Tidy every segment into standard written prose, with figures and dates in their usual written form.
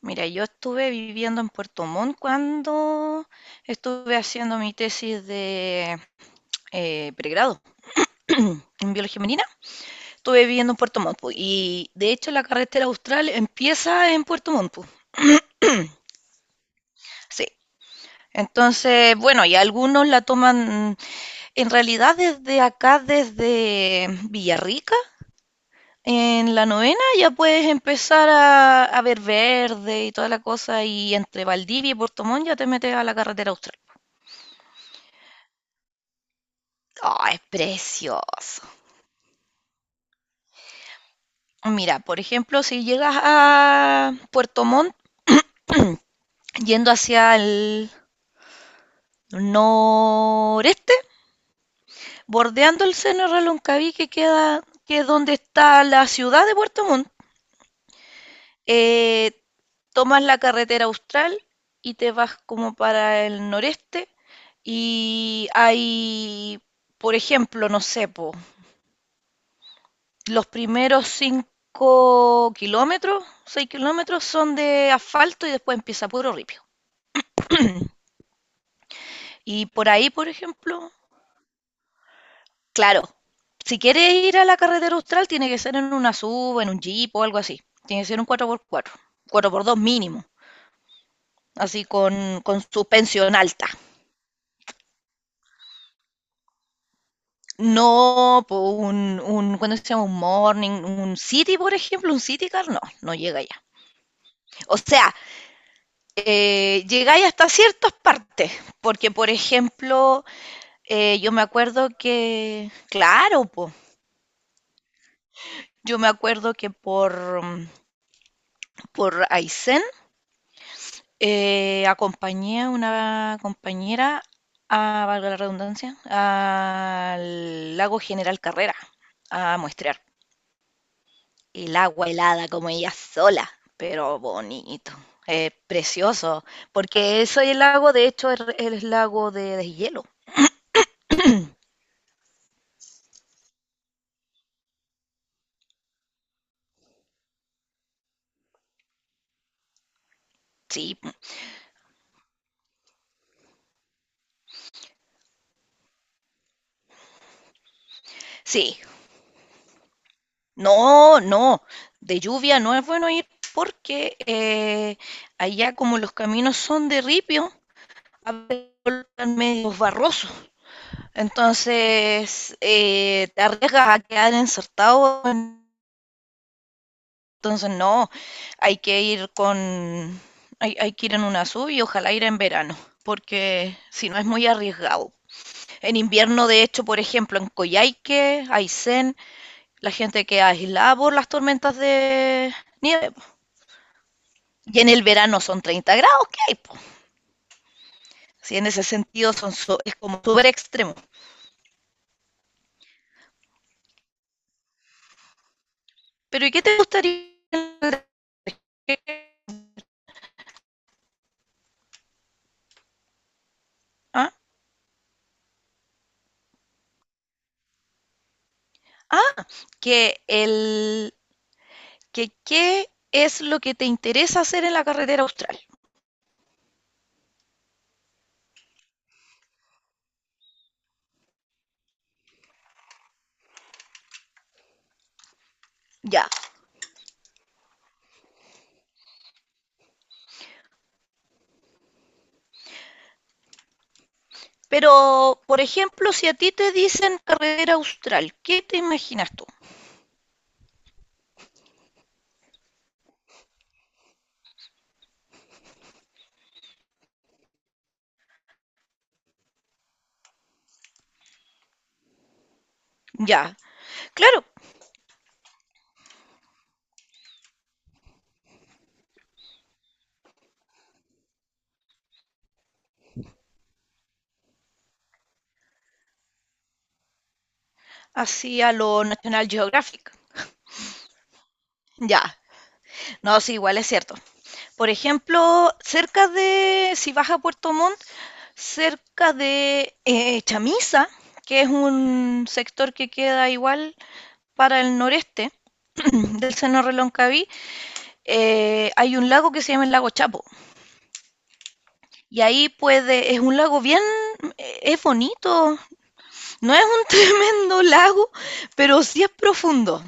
Mira, yo estuve viviendo en Puerto Montt cuando estuve haciendo mi tesis de pregrado en biología marina. Estuve viviendo en Puerto Montt po, y de hecho la carretera austral empieza en Puerto Montt po. Sí. Entonces, bueno, y algunos la toman en realidad desde acá, desde Villarrica, en la novena, ya puedes empezar a ver verde y toda la cosa. Y entre Valdivia y Puerto Montt ya te metes a la carretera austral. Oh, es precioso. Mira, por ejemplo, si llegas a Puerto Montt yendo hacia el noreste, bordeando el seno de Reloncaví que queda, que es donde está la ciudad de Puerto Montt, eh, tomas la carretera austral y te vas como para el noreste y hay, por ejemplo, no sé, po, los primeros 5 kilómetros, 6 kilómetros son de asfalto y después empieza puro ripio. Y por ahí, por ejemplo, claro, si quieres ir a la carretera austral, tiene que ser en una SUV, en un Jeep o algo así. Tiene que ser un 4x4, 4x2 mínimo, así con suspensión alta. No, po, ¿cuándo se llama? Un morning, un city, por ejemplo, un city car, no, no llega allá. O sea, llegáis hasta ciertas partes, porque, por ejemplo, yo me acuerdo que, claro, po, yo me acuerdo que por, por Aysén. Acompañé a una compañera, a, valga la redundancia, al lago General Carrera a muestrear el agua helada como ella sola, pero bonito, precioso, porque ese lago de hecho es lago de deshielo. Sí, sí, no, no, de lluvia no es bueno ir porque allá como los caminos son de ripio, a veces colocan medios barrosos. Entonces, te arriesgas a quedar insertado. Entonces, no, hay que ir hay que ir en una sub y ojalá ir en verano, porque si no es muy arriesgado. En invierno, de hecho, por ejemplo, en Coyhaique, Aysén, la gente queda aislada por las tormentas de nieve po. Y en el verano son 30 grados que hay, po. Así, en ese sentido es como súper extremo. Pero ¿y qué te gustaría? ¿Ah? Ah, que el que qué es lo que te interesa hacer en la carretera austral. Ya. Pero, por ejemplo, si a ti te dicen carretera austral, ¿qué te imaginas tú? Ya. Claro, así a lo National Geographic. Ya, no, sí, igual es cierto. Por ejemplo, cerca de, si vas a Puerto Montt, cerca de Chamisa, que es un sector que queda igual para el noreste del seno Reloncaví, hay un lago que se llama el lago Chapo. Y ahí es un lago bien, es bonito, no es un tremendo lago, pero sí es profundo.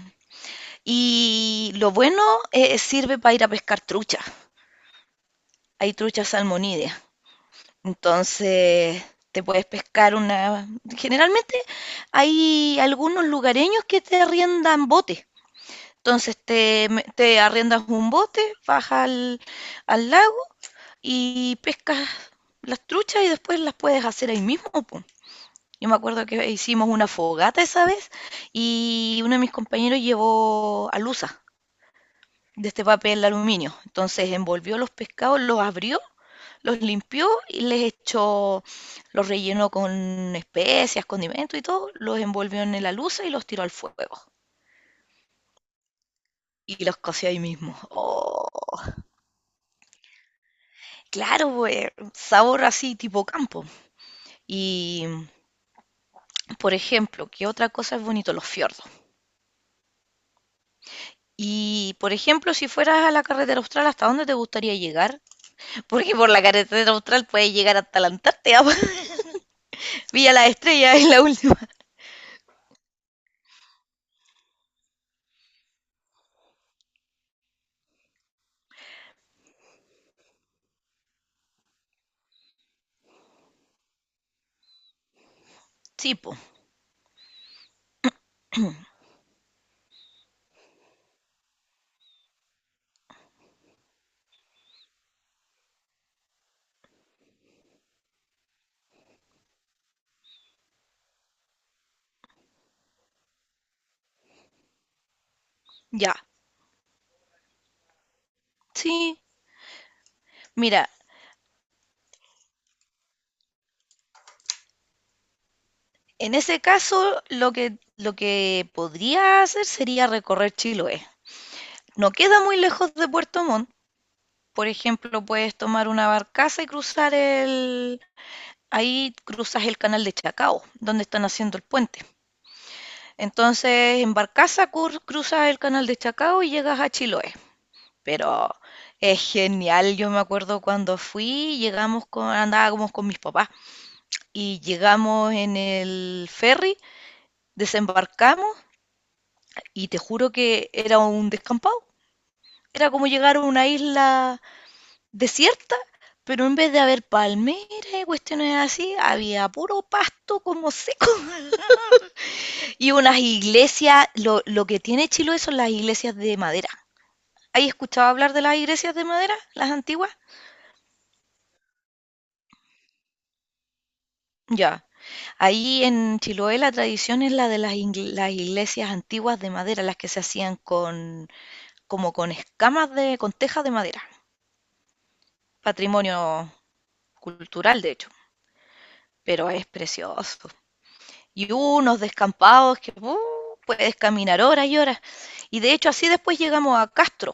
Y lo bueno sirve para ir a pescar trucha. Hay truchas salmonídeas. Entonces te puedes pescar una... Generalmente hay algunos lugareños que te arriendan botes. Entonces arriendas un bote, bajas al lago y pescas las truchas y después las puedes hacer ahí mismo, po. Yo me acuerdo que hicimos una fogata esa vez y uno de mis compañeros llevó alusa de este papel de aluminio. Entonces envolvió los pescados, los abrió, los limpió y les echó, los rellenó con especias, condimentos y todo, los envolvió en la alusa y los tiró al fuego. Y los coció ahí mismo. ¡Oh! Claro, pues, sabor así tipo campo. Y por ejemplo, ¿qué otra cosa es bonito? Los fiordos. Y, por ejemplo, si fueras a la carretera austral, ¿hasta dónde te gustaría llegar? Porque por la carretera austral puedes llegar hasta la Antártida. Villa la Estrella es la última. Sí, po, ya. Sí. Mira, en ese caso, lo que podría hacer sería recorrer Chiloé. No queda muy lejos de Puerto Montt. Por ejemplo, puedes tomar una barcaza y cruzar el... Ahí cruzas el canal de Chacao, donde están haciendo el puente. Entonces, en barcaza cruzas el canal de Chacao y llegas a Chiloé. Pero es genial, yo me acuerdo cuando fui, andábamos con mis papás y llegamos en el ferry, desembarcamos y te juro que era un descampado. Era como llegar a una isla desierta, pero en vez de haber palmeras y cuestiones así, había puro pasto como seco. Y unas iglesias, lo que tiene Chiloé son las iglesias de madera. ¿Hay escuchado hablar de las iglesias de madera, las antiguas? Ya. Ahí en Chiloé la tradición es la de las, las iglesias antiguas de madera, las que se hacían con, como con escamas de, con tejas de madera. Patrimonio cultural, de hecho, pero es precioso. Y unos descampados que puedes caminar horas y horas. Y de hecho así después llegamos a Castro.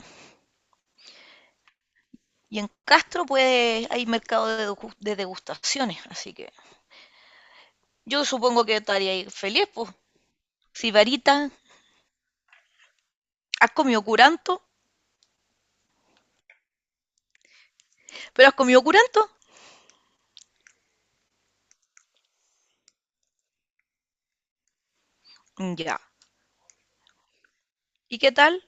Y en Castro pues hay mercado de, de degustaciones, así que yo supongo que estaría ahí feliz, pues. Sibarita, ¿has comido curanto? ¿Pero has comido curanto? Mm, ya. ¿Y qué tal?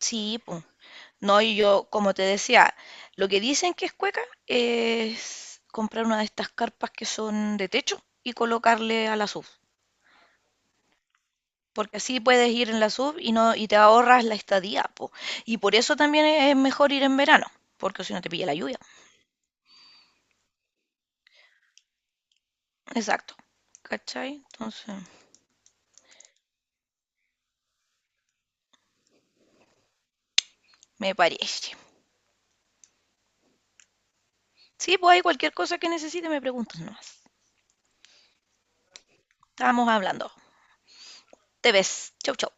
Sí, po. No, y yo, como te decía, lo que dicen que es cueca es comprar una de estas carpas que son de techo y colocarle a la sub. Porque así puedes ir en la sub y no, y te ahorras la estadía, po. Y por eso también es mejor ir en verano, porque si no te pilla la lluvia. Exacto. ¿Cachai? Entonces, me parece. Sí, pues hay cualquier cosa que necesite, me preguntas nomás. Estábamos hablando. Te ves. Chau, chau.